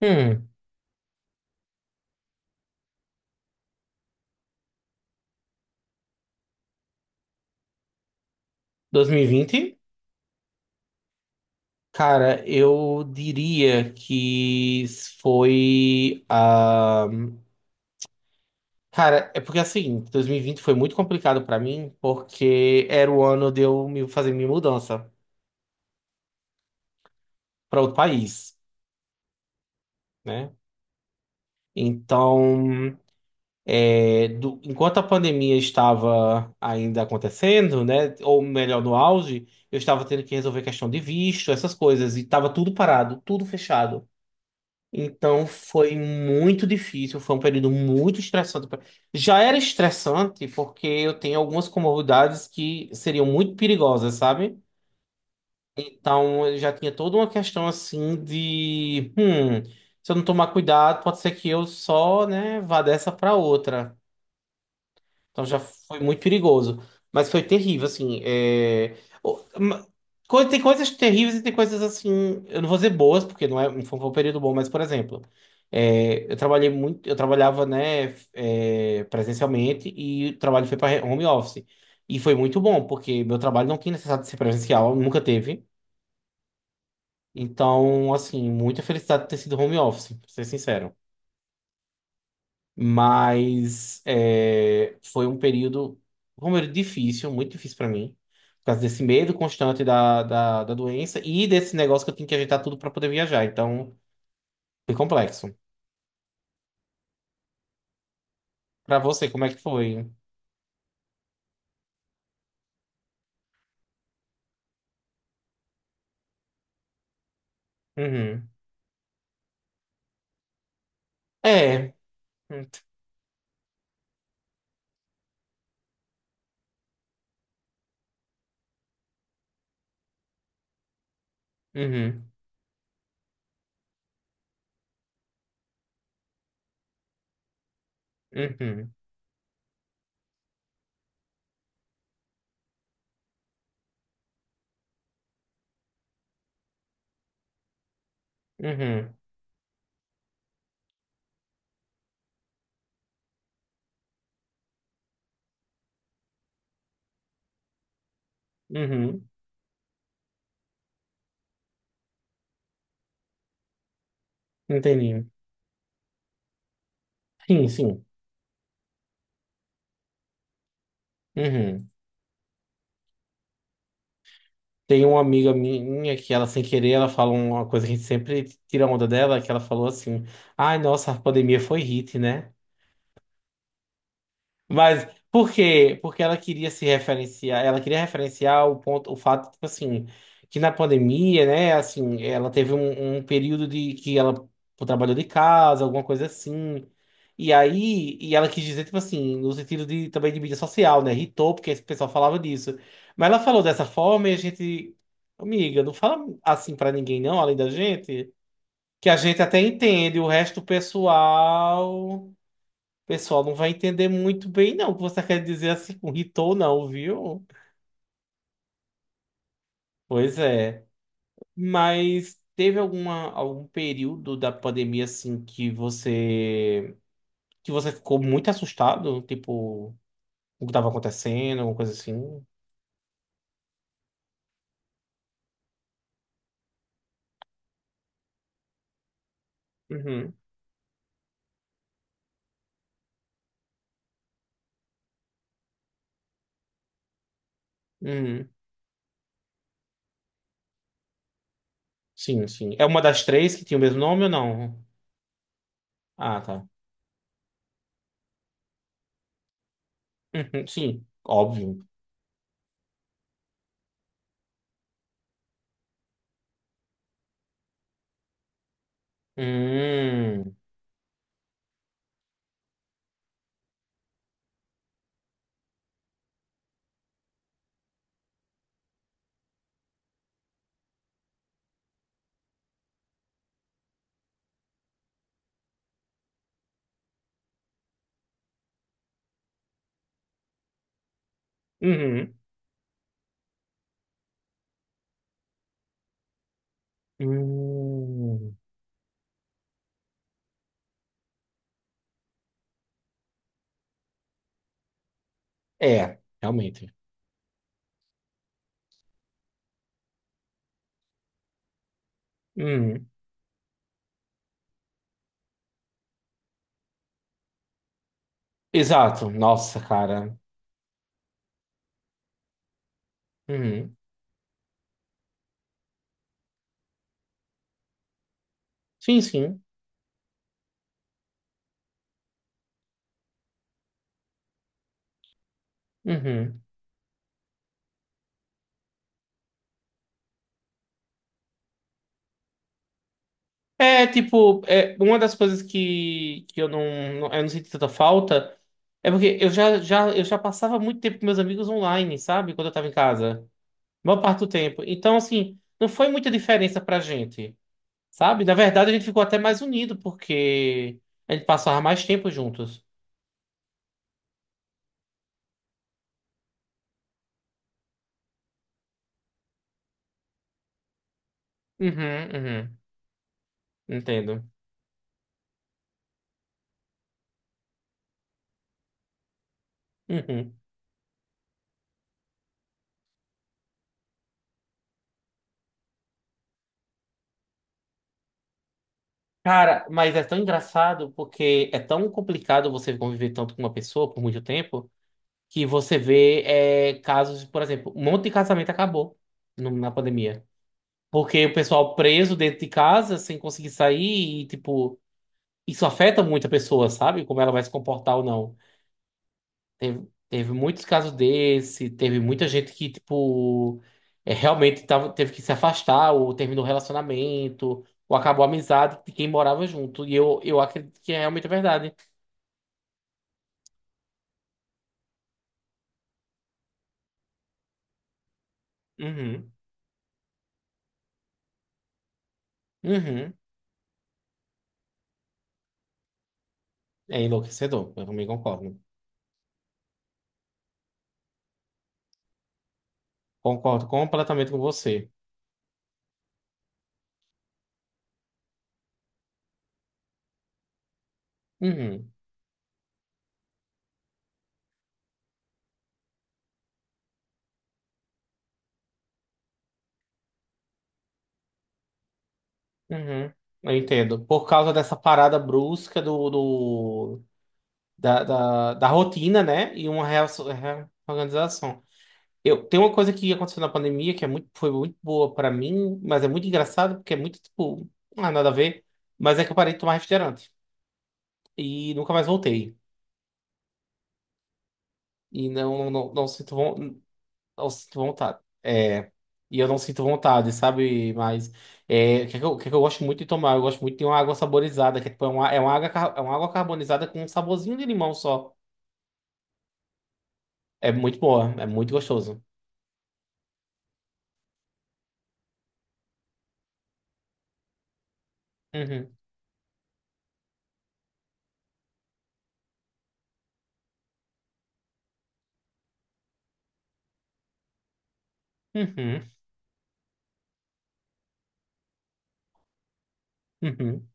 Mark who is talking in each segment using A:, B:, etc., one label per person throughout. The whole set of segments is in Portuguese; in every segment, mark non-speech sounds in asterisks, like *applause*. A: Hum, 2020? Cara, eu diria que foi a. Cara, é porque assim, 2020 foi muito complicado pra mim, porque era o ano de eu me- fazer minha mudança pra outro país, né? Então, é, do- enquanto a pandemia estava ainda acontecendo, né? Ou melhor, no auge, eu estava tendo que resolver questão de visto, essas coisas, e estava tudo parado, tudo fechado. Então foi muito difícil, foi um período muito estressante. Pra- Já era estressante porque eu tenho algumas comorbidades que seriam muito perigosas, sabe? Então eu já tinha toda uma questão assim de, se eu não tomar cuidado, pode ser que eu só, né, vá dessa pra outra. Então já foi muito perigoso. Mas foi terrível, assim. É... o- ma- co- Tem coisas terríveis e tem coisas assim. Eu não vou dizer boas, porque não é, não foi um período bom, mas, por exemplo, é, eu trabalhei muito, eu trabalhava, né, é, presencialmente e o trabalho foi para home office. E foi muito bom, porque meu trabalho não tinha necessidade de ser presencial, nunca teve. Então, assim, muita felicidade de ter sido home office, pra ser sincero. Mas é, foi um período, como eu disse, difícil, muito difícil para mim, por causa desse medo constante da doença e desse negócio que eu tinha que ajeitar tudo para poder viajar. Então, foi complexo. Para você, como é que foi? Uhum. É. Uhum. Uhum. Uhum. Uhum. Entendi. Sim, sim. Uhum. Tem uma amiga minha que ela, sem querer, ela fala uma coisa que a gente sempre tira onda dela, que ela falou assim: ai, nossa, a pandemia foi hit, né? Mas por quê? Porque ela queria se referenciar, ela queria referenciar o ponto, o fato, tipo assim, que na pandemia, né, assim, ela teve um, um período de que ela trabalhou de casa, alguma coisa assim. E aí, e ela quis dizer, tipo assim, no sentido de também de mídia social, né? Irritou, porque esse pessoal falava disso. Mas ela falou dessa forma e a gente, amiga, não fala assim pra ninguém, não, além da gente, que a gente até entende, o resto do pessoal pessoal não vai entender muito bem, não, o que você quer dizer assim com Hitou, não, viu? Pois é. Mas teve alguma, algum período da pandemia, assim, que você ficou muito assustado? Tipo, o que estava acontecendo, alguma coisa assim? Uhum. Uhum. Sim, sim. É uma das três que tinha o mesmo nome ou não? Ah, tá. Uhum. Sim, óbvio. Hum. Uhum. Hum. É, realmente. Uhum. Exato, nossa, cara. Uhum. Sim, sim. Uhum. É tipo, é, uma das coisas que eu não, não- eu não senti tanta falta é porque eu já, já, eu já passava muito tempo com meus amigos online, sabe? Quando eu tava em casa. Maior parte do tempo. Então, assim, não foi muita diferença pra gente, sabe? Na verdade, a gente ficou até mais unido, porque a gente passava mais tempo juntos. Uhum, uhum. Entendo. Uhum. Cara, mas é tão engraçado porque é tão complicado você conviver tanto com uma pessoa por muito tempo que você vê é, casos, por exemplo, um monte de casamento acabou no- na pandemia. Porque o pessoal preso dentro de casa sem conseguir sair e, tipo, isso afeta muito a pessoa, sabe? Como ela vai se comportar ou não. Teve, teve muitos casos desse, teve muita gente que, tipo, é, realmente tava, teve que se afastar, ou terminou o relacionamento, ou acabou a amizade de quem morava junto. E eu acredito que é realmente verdade. Uhum. Uhum. É enlouquecedor, eu também concordo. Concordo completamente com você. Uhum. Uhum. Eu entendo. Por causa dessa parada brusca da rotina, né? E uma reação- reorganização. Eu, tem uma coisa que aconteceu na pandemia que é muito, foi muito boa pra mim, mas é muito engraçado porque é muito, tipo, não é nada a ver. Mas é que eu parei de tomar refrigerante e nunca mais voltei. E não, não, não sinto, von- não sinto vontade. É, e eu não sinto vontade, sabe? Mas é, o que é que eu, o que é que eu gosto muito de tomar? Eu gosto muito de uma água saborizada, que é, tipo, é uma água, car- é uma água carbonizada com um saborzinho de limão só. É muito boa, é muito gostoso. Uhum, uhum, uhum,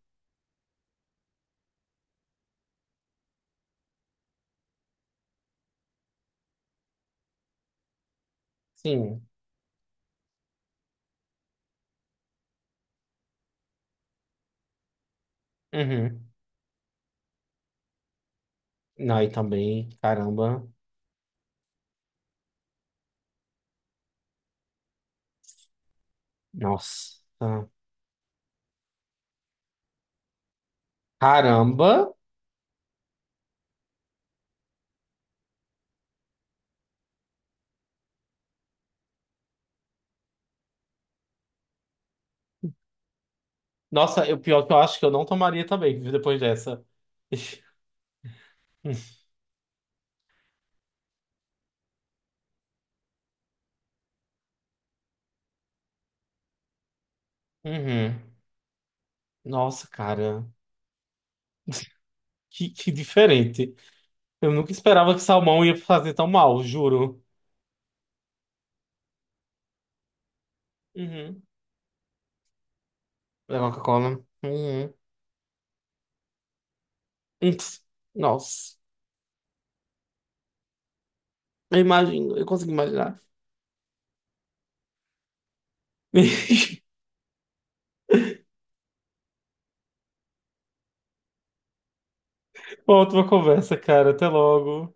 A: sim. Uhum. Não, e também, caramba. Nossa. Caramba. Nossa, o pior que eu acho que eu não tomaria também, viu, depois dessa. *laughs* Uhum. Nossa, cara. *laughs* Que diferente. Eu nunca esperava que salmão ia fazer tão mal, juro. Uhum. É Coca-Cola. Uhum. Ups. Nossa. Eu imagino, eu consigo imaginar. *laughs* Uma ótima conversa, cara. Até logo.